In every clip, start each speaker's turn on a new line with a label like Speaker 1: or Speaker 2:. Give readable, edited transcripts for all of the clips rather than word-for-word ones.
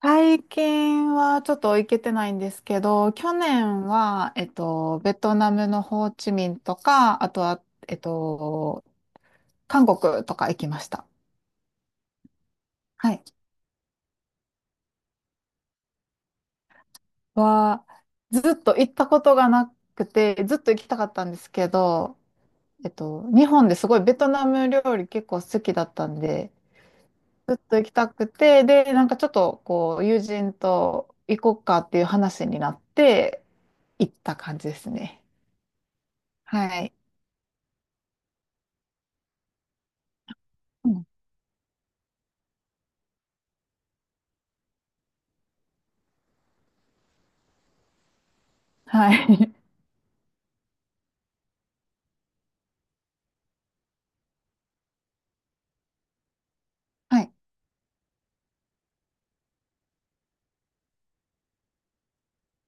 Speaker 1: 最近はちょっと行けてないんですけど、去年は、ベトナムのホーチミンとか、あとは、えっと、韓国とか行きました。はい。は、ずっと行ったことがなくて、ずっと行きたかったんですけど、日本ですごいベトナム料理結構好きだったんで、ずっと行きたくて、で、なんかちょっとこう、友人と行こうかっていう話になって、行った感じですね。はい。はい。はい。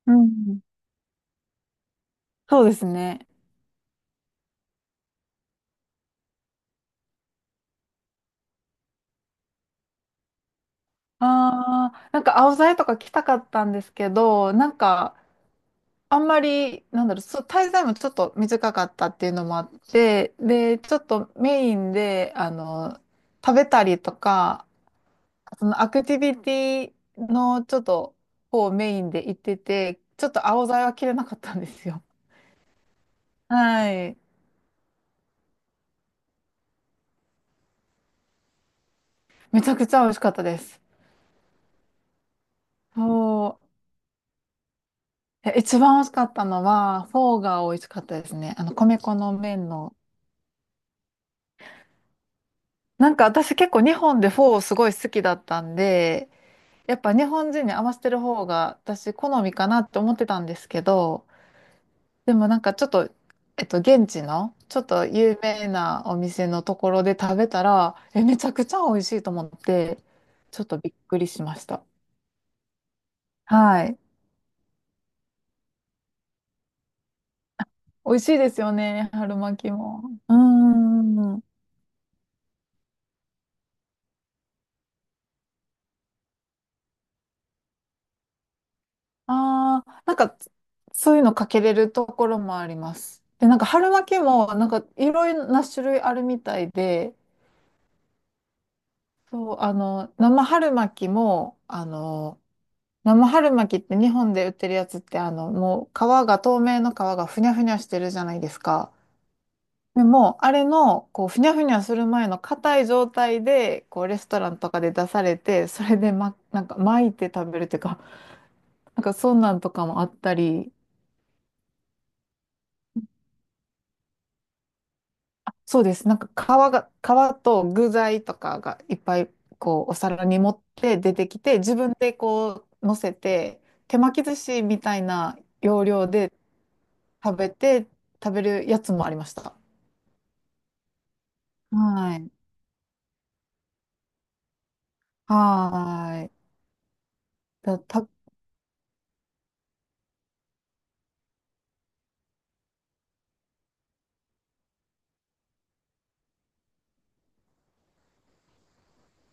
Speaker 1: うん。そうですね。ああ、なんか青ざとか来たかったんですけど、なんかあんまり、なんだろう、そう、滞在もちょっと短かったっていうのもあって、で、ちょっとメインで、食べたりとか、そのアクティビティのちょっと方メインで行ってて、ちょっと青ざは切れなかったんですよ。はい。めちゃくちゃ美味しかったです。そう。一番美味しかったのは、フォーが美味しかったですね。米粉の麺の。なんか私結構日本でフォーすごい好きだったんで、やっぱ日本人に合わせてる方が私好みかなって思ってたんですけど、でもなんかちょっと、現地のちょっと有名なお店のところで食べたら、めちゃくちゃ美味しいと思って、ちょっとびっくりしました。はい。美味しいですよね、春巻きも。うーん。ああ、なんか、そういうのかけれるところもあります。で、なんか春巻きも、なんかいろいろな種類あるみたいで、そう、生春巻きも、生春巻きって日本で売ってるやつって、もう皮が、透明の皮がふにゃふにゃしてるじゃないですか。でも、あれの、こう、ふにゃふにゃする前の硬い状態で、こう、レストランとかで出されて、それで、ま、なんか巻いて食べるっていうか、なんかそんなんとかもあったり、そうです。なんか皮が、皮と具材とかがいっぱいこうお皿に盛って出てきて、自分でこう乗せて、手巻き寿司みたいな要領で食べて、食べるやつもありました。はい。はーい。だ、た、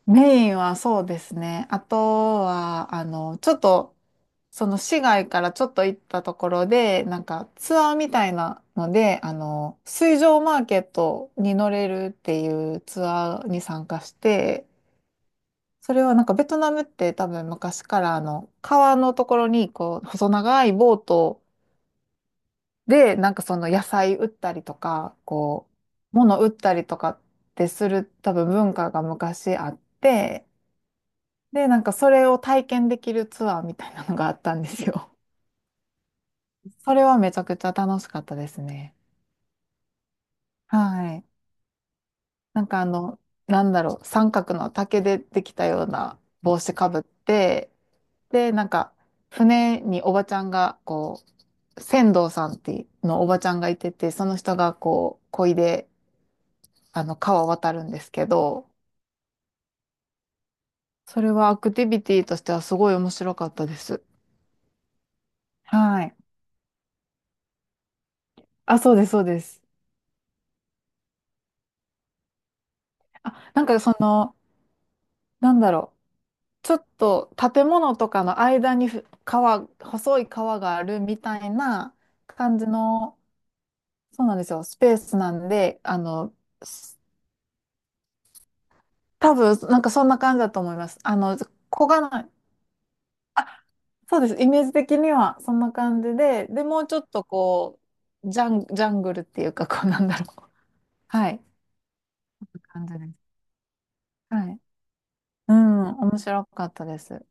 Speaker 1: メインはそうですね。あとは、ちょっと、その市外からちょっと行ったところで、なんかツアーみたいなので、水上マーケットに乗れるっていうツアーに参加して、それはなんかベトナムって多分昔から川のところにこう、細長いボートで、なんかその野菜売ったりとか、こう、物売ったりとかってする多分文化が昔あって、で、なんかそれを体験できるツアーみたいなのがあったんですよ。それはめちゃくちゃ楽しかったですね。はい。なんかなんだろう、三角の竹でできたような帽子かぶって、で、なんか船におばちゃんが、こう、船頭さんっていうのおばちゃんがいてて、その人がこう、漕いで、川を渡るんですけど、それはアクティビティとしてはすごい面白かったです。はい。あ、そうです、そうです。あ、なんかその、なんだろう。ちょっと建物とかの間に細い川があるみたいな感じの、そうなんですよ、スペースなんで、す多分なんかそんな感じだと思います。小がない、あ、そうです、イメージ的にはそんな感じで、でもうちょっとこう、ジャングルっていうか、こうなんだろう。はい、感じです。はい。うん、面白かったです。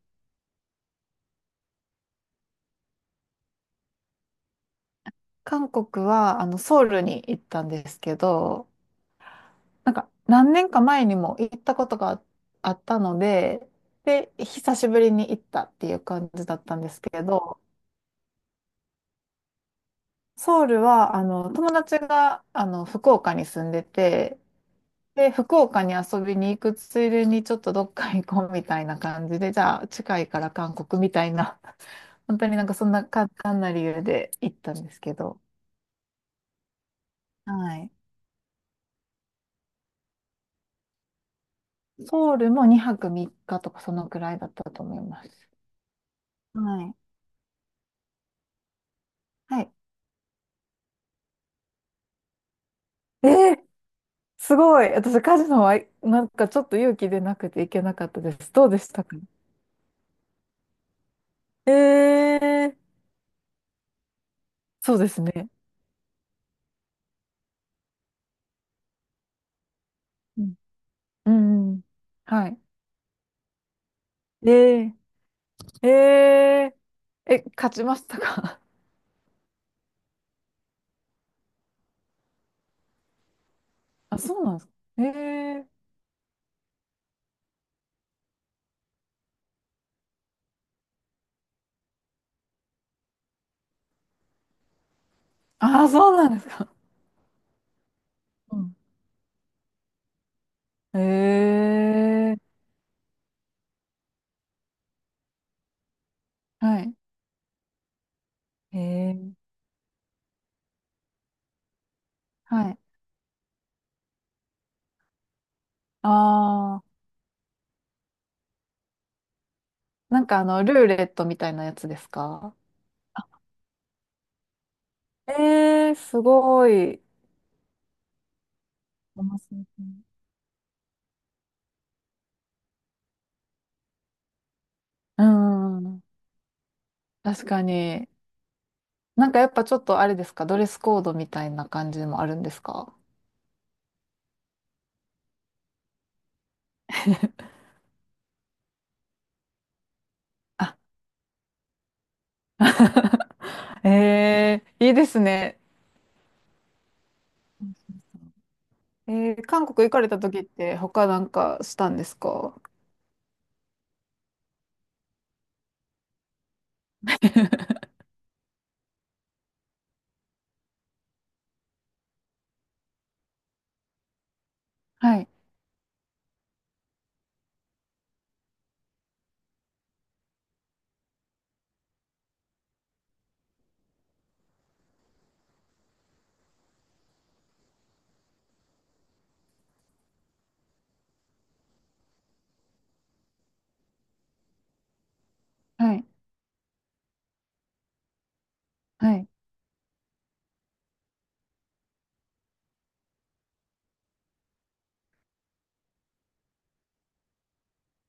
Speaker 1: 韓国は、ソウルに行ったんですけど、なんか何年か前にも行ったことがあったので、で、久しぶりに行ったっていう感じだったんですけれど、ソウルはあの友達があの福岡に住んでて、で、福岡に遊びに行くついでにちょっとどっか行こうみたいな感じで、じゃあ近いから韓国みたいな、本当になんかそんな簡単な理由で行ったんですけど、はい。ソウルも2泊3日とかそのくらいだったと思います。はい。はい。えーすごい。私、カジノは、なんかちょっと勇気出なくていけなかったです。どうでしたか？ええー、そうですね。うん。うんうん。はい。えええええ、勝ちましたか？ あ、そうなんですか？ええ。あ、そうなんですか？うんええはい。ええはい。ああなんかルーレットみたいなやつですか？ええすごい。面白い。うん、確かに。なんかやっぱちょっとあれですか、ドレスコードみたいな感じもあるんですか？あ えー、いいですね。えー、韓国行かれた時って他なんかしたんですか？ はい、はい、はい、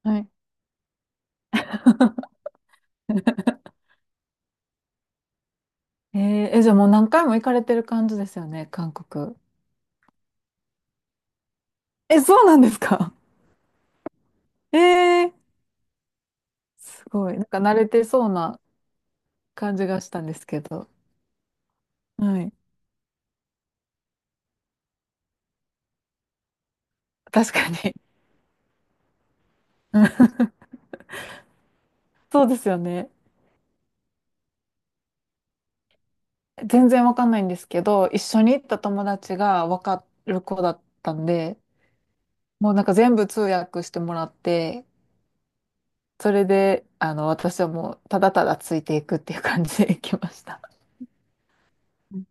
Speaker 1: はい。えー、え、じゃあもう何回も行かれてる感じですよね、韓国。え、そうなんですか？ えー、すごい。なんか慣れてそうな感じがしたんですけど。はい。確かに。うんそうですよね。全然わかんないんですけど、一緒に行った友達がわかる子だったんで、もうなんか全部通訳してもらって、それで、私はもうただただついていくっていう感じで 行きました。うん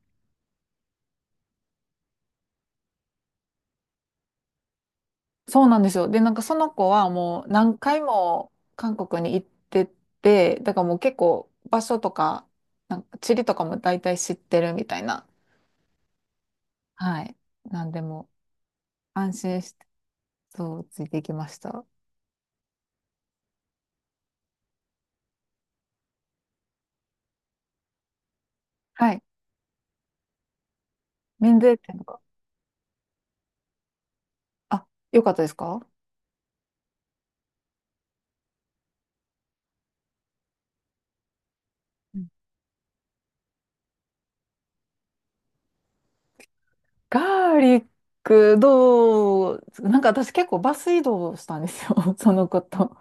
Speaker 1: そうなんですよ。で、なんかその子はもう何回も韓国に行ってて、だからもう結構場所とか、なんか地理とかも大体知ってるみたいな。はい。なんでも安心して、そう、ついていきました。はい。免税店とか。あ、よかったですか？ガーリックどう、なんか私結構バス移動したんですよ、そのこと。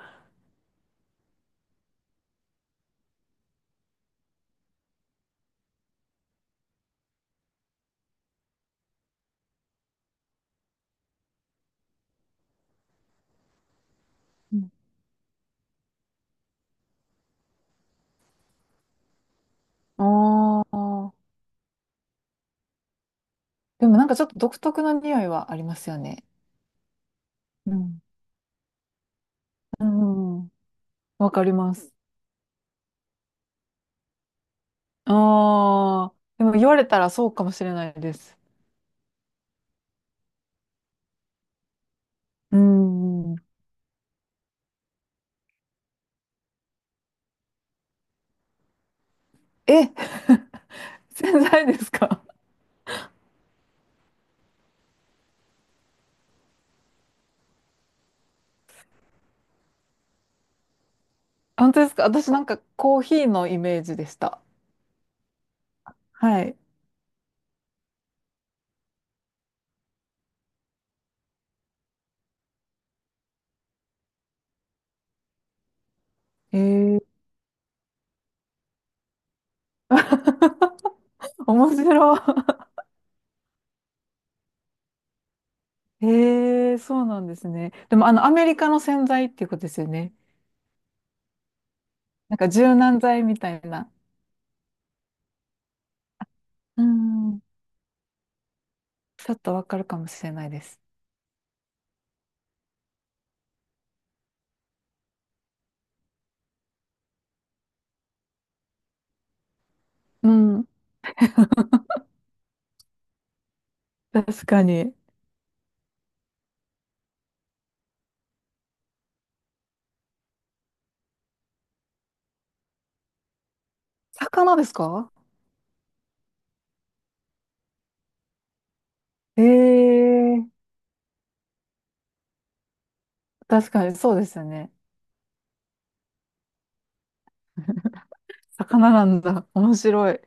Speaker 1: ああー。でもなんかちょっと独特な匂いはありますよね。うんうん。わかります。ああ。でも言われたらそうかもしれないです。うん。え、洗剤ですか？本当ですか？私なんかコーヒーのイメージでした。はい。えー、面白い。ええ、そうなんですね。でも、アメリカの洗剤っていうことですよね。なんか柔軟剤みたいな。うん。ちょっとわかるかもしれないです。うん。確かに。魚ですか？ええ、確かにそうですよね。魚なんだ。面白い。